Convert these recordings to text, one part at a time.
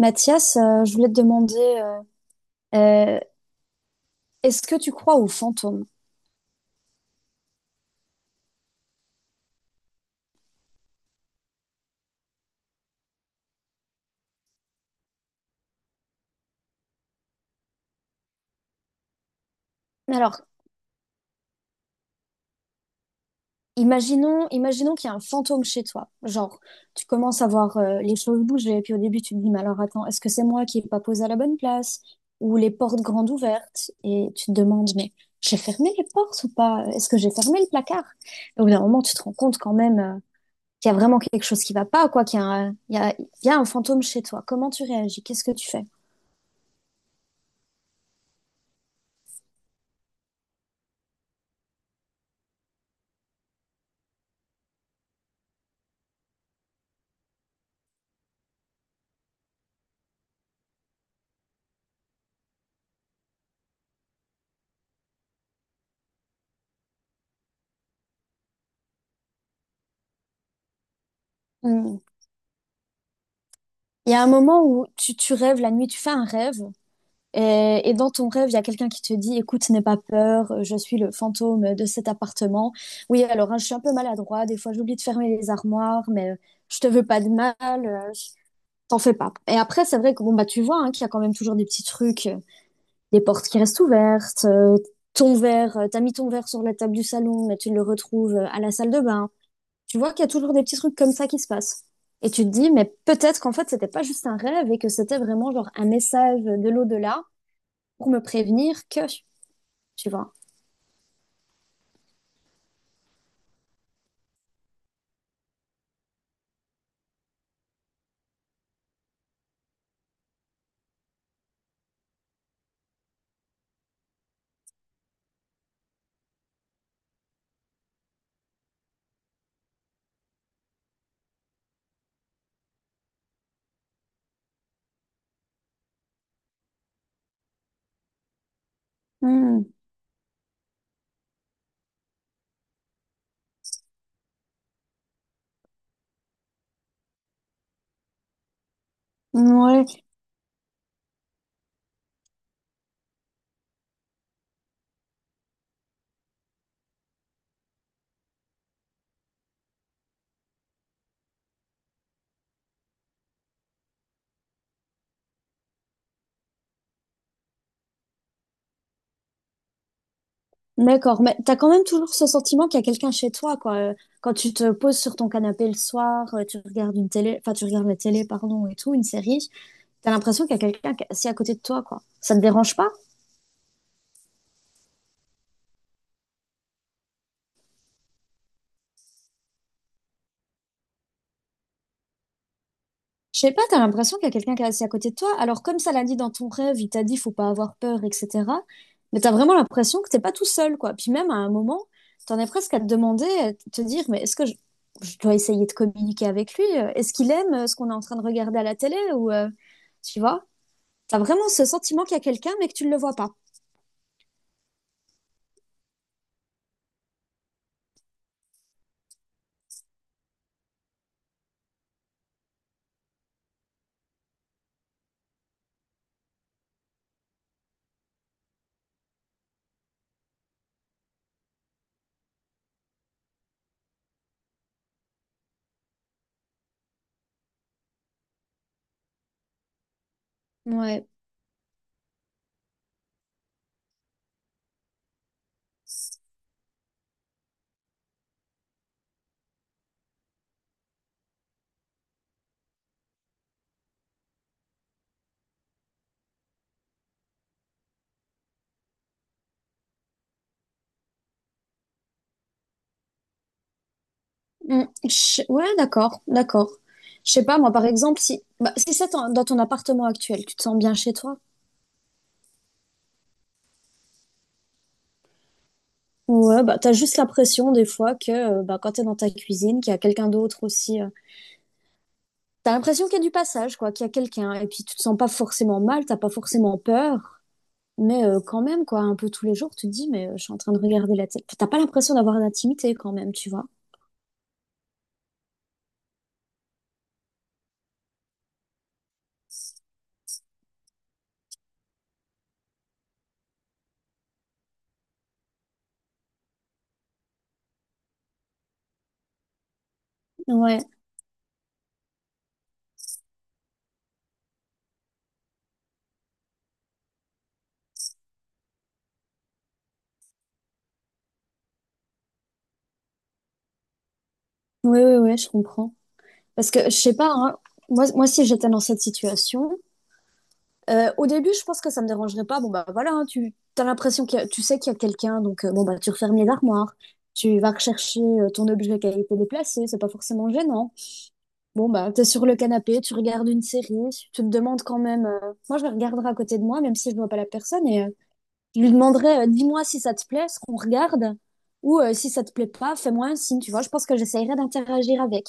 Mathias, je voulais te demander, euh, euh, est-ce que tu crois aux fantômes? Alors, imaginons, imaginons qu'il y a un fantôme chez toi. Genre, tu commences à voir les choses bouger, puis au début, tu te dis, mais alors attends, est-ce que c'est moi qui n'ai pas posé à la bonne place? Ou les portes grandes ouvertes, et tu te demandes, mais j'ai fermé les portes ou pas? Est-ce que j'ai fermé le placard? Et au bout d'un moment, tu te rends compte quand même qu'il y a vraiment quelque chose qui va pas, quoi, qu'il y a un, il y a un fantôme chez toi. Comment tu réagis? Qu'est-ce que tu fais? Hmm. Il y a un moment où tu rêves la nuit, tu fais un rêve, et dans ton rêve, il y a quelqu'un qui te dit, écoute, n'aie pas peur, je suis le fantôme de cet appartement. Oui, alors hein, je suis un peu maladroit, des fois j'oublie de fermer les armoires, mais je te veux pas de mal, euh, je- t'en fais pas. Et après, c'est vrai que bon bah tu vois hein, qu'il y a quand même toujours des petits trucs, des portes qui restent ouvertes, ton verre, t'as mis ton verre sur la table du salon, mais tu le retrouves à la salle de bain. Tu vois qu'il y a toujours des petits trucs comme ça qui se passent. Et tu te dis, mais peut-être qu'en fait, c'était pas juste un rêve et que c'était vraiment genre un message de l'au-delà pour me prévenir que, tu vois. Hmm, ouais, d'accord. Mais t'as quand même toujours ce sentiment qu'il y a quelqu'un chez toi, quoi. Quand tu te poses sur ton canapé le soir, tu regardes une télé, enfin, tu regardes la télé, pardon, et tout, une série, t'as l'impression qu'il y a quelqu'un qui est assis à côté de toi, quoi. Ça te dérange pas? Je sais pas, t'as l'impression qu'il y a quelqu'un qui est assis à côté de toi. Alors, comme ça l'a dit dans ton rêve, il t'a dit faut pas avoir peur, etc. Mais t'as vraiment l'impression que t'es pas tout seul, quoi. Puis même à un moment, t'en es presque à te demander, à te dire, mais je dois essayer de communiquer avec lui? Est-ce qu'il aime ce qu'on est en train de regarder à la télé? Ou, tu vois, t'as vraiment ce sentiment qu'il y a quelqu'un, mais que tu ne le vois pas. Ouais. Mm. Ouais, d'accord, d'accord. Je sais pas, moi, par exemple, si, bah, si c'est dans ton appartement actuel, tu te sens bien chez toi? Ouais, bah, t'as juste l'impression des fois que bah, quand t'es dans ta cuisine, qu'il y a quelqu'un d'autre aussi. T'as l'impression qu'il y a du passage, quoi, qu'il y a quelqu'un. Et puis tu te sens pas forcément mal, t'as pas forcément peur. Mais quand même, quoi, un peu tous les jours, tu te dis, mais je suis en train de regarder la télé. Enfin, t'as pas l'impression d'avoir d'intimité quand même, tu vois. Ouais, ouais, ouais, ouais, je comprends. Parce que je sais pas, hein, moi si j'étais dans cette situation, au début, je pense que ça me dérangerait pas. Bon, bah voilà, hein, tu as l'impression que tu sais qu'il y a quelqu'un, donc bon, bah tu refermes les armoires, tu vas rechercher ton objet qui a été déplacé, c'est pas forcément gênant. Bon, bah t'es sur le canapé, tu regardes une série, tu te demandes quand même. Moi, je la regarderai à côté de moi, même si je vois pas la personne, et je lui demanderai, dis-moi si ça te plaît, ce qu'on regarde, ou si ça te plaît pas, fais-moi un signe, tu vois. Je pense que j'essayerai d'interagir avec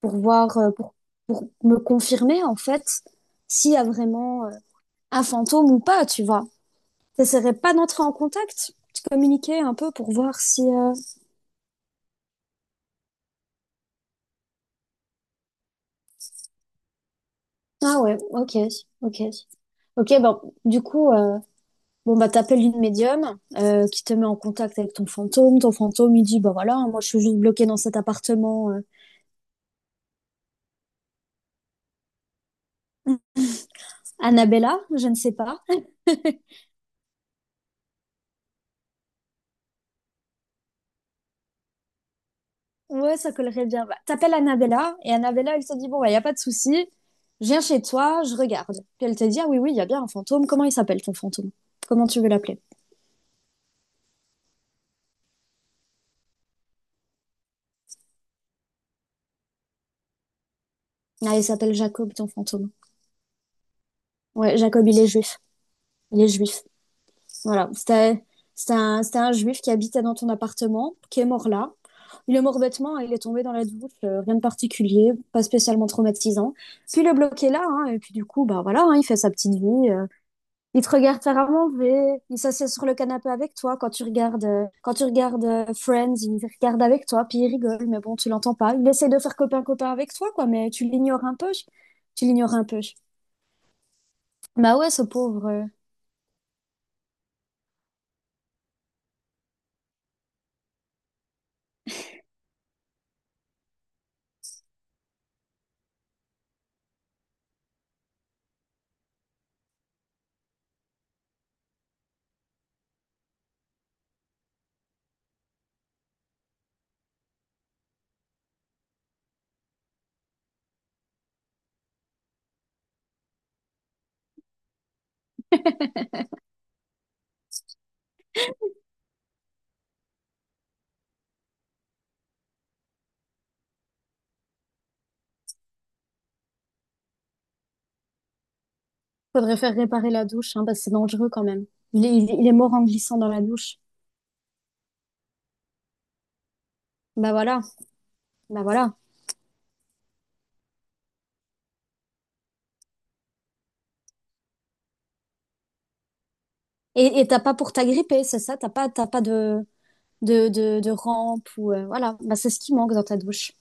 pour voir, pour me confirmer en fait s'il y a vraiment un fantôme ou pas, tu vois. Ça serait pas d'entrer en contact, de communiquer un peu pour voir si. Ah ouais, ok, ok, ok. Bon, du coup, bon bah t'appelles une médium qui te met en contact avec ton fantôme. Ton fantôme, il dit bah voilà, moi je suis juste bloqué dans cet appartement. Annabella, je ne sais pas. Ouais, ça collerait bien. Bah, t'appelles Annabella et Annabella, elle te dit bon bah y a pas de souci, je viens chez toi, je regarde. Puis elle te dit ah oui oui, il y a bien un fantôme. Comment il s'appelle ton fantôme? Comment tu veux l'appeler? Ah, il s'appelle Jacob, ton fantôme. Ouais, Jacob, il est juif. Il est juif. Voilà. C'était un juif qui habitait dans ton appartement, qui est mort là. Il est mort bêtement, hein, il est tombé dans la douche, rien de particulier, pas spécialement traumatisant. Puis le bloc est là, hein, et puis du coup, bah voilà, hein, il fait sa petite vie. Il te regarde faire à manger, il s'assied sur le canapé avec toi quand tu regardes, Friends, il regarde avec toi, puis il rigole, mais bon, tu l'entends pas. Il essaie de faire copain-copain avec toi, quoi, mais tu l'ignores un peu. Tu l'ignores un peu. Bah ouais, ce pauvre. Faudrait faire réparer la douche, hein, parce que c'est dangereux quand même. Il est mort en glissant dans la douche. Bah voilà, bah voilà. Et t'as pas pour t'agripper, c'est ça? T'as pas de, de rampe ou voilà. Bah c'est ce qui manque dans ta douche.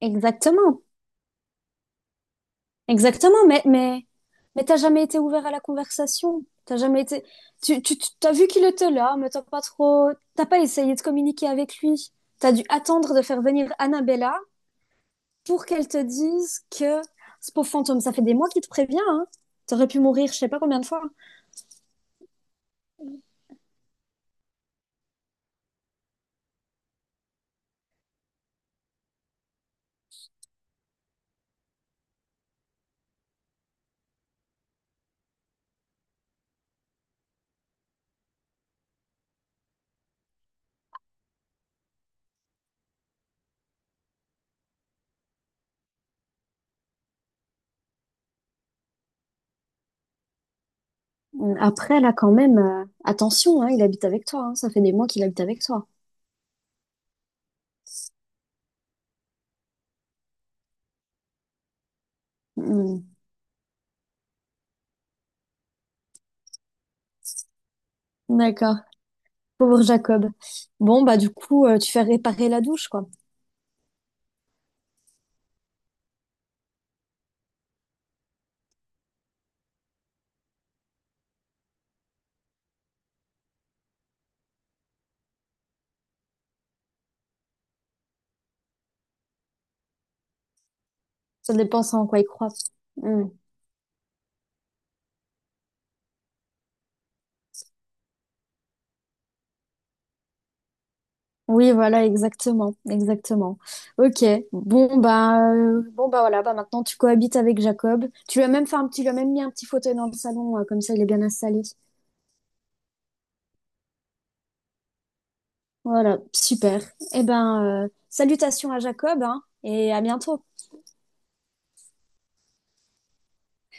Exactement, exactement. Mais t'as jamais été ouvert à la conversation. T'as jamais été. T'as vu qu'il était là, mais t'as pas trop. T'as pas essayé de communiquer avec lui. T'as dû attendre de faire venir Annabella pour qu'elle te dise que ce pauvre fantôme, ça fait des mois qu'il te prévient, hein. T'aurais pu mourir je sais pas combien de fois. Après, là, quand même, attention, hein, il habite avec toi. Hein. Ça fait des mois qu'il habite avec toi. Hmm. D'accord. Pauvre Jacob. Bon, bah du coup, tu fais réparer la douche, quoi. Ça dépend en quoi il croit. Hmm. Oui, voilà, exactement, exactement. Ok. Bon, bah, voilà. Bah maintenant, tu cohabites avec Jacob. Tu lui as même mis un petit fauteuil dans le salon, comme ça, il est bien installé. Voilà, super. Eh ben, salutations à Jacob, hein, et à bientôt.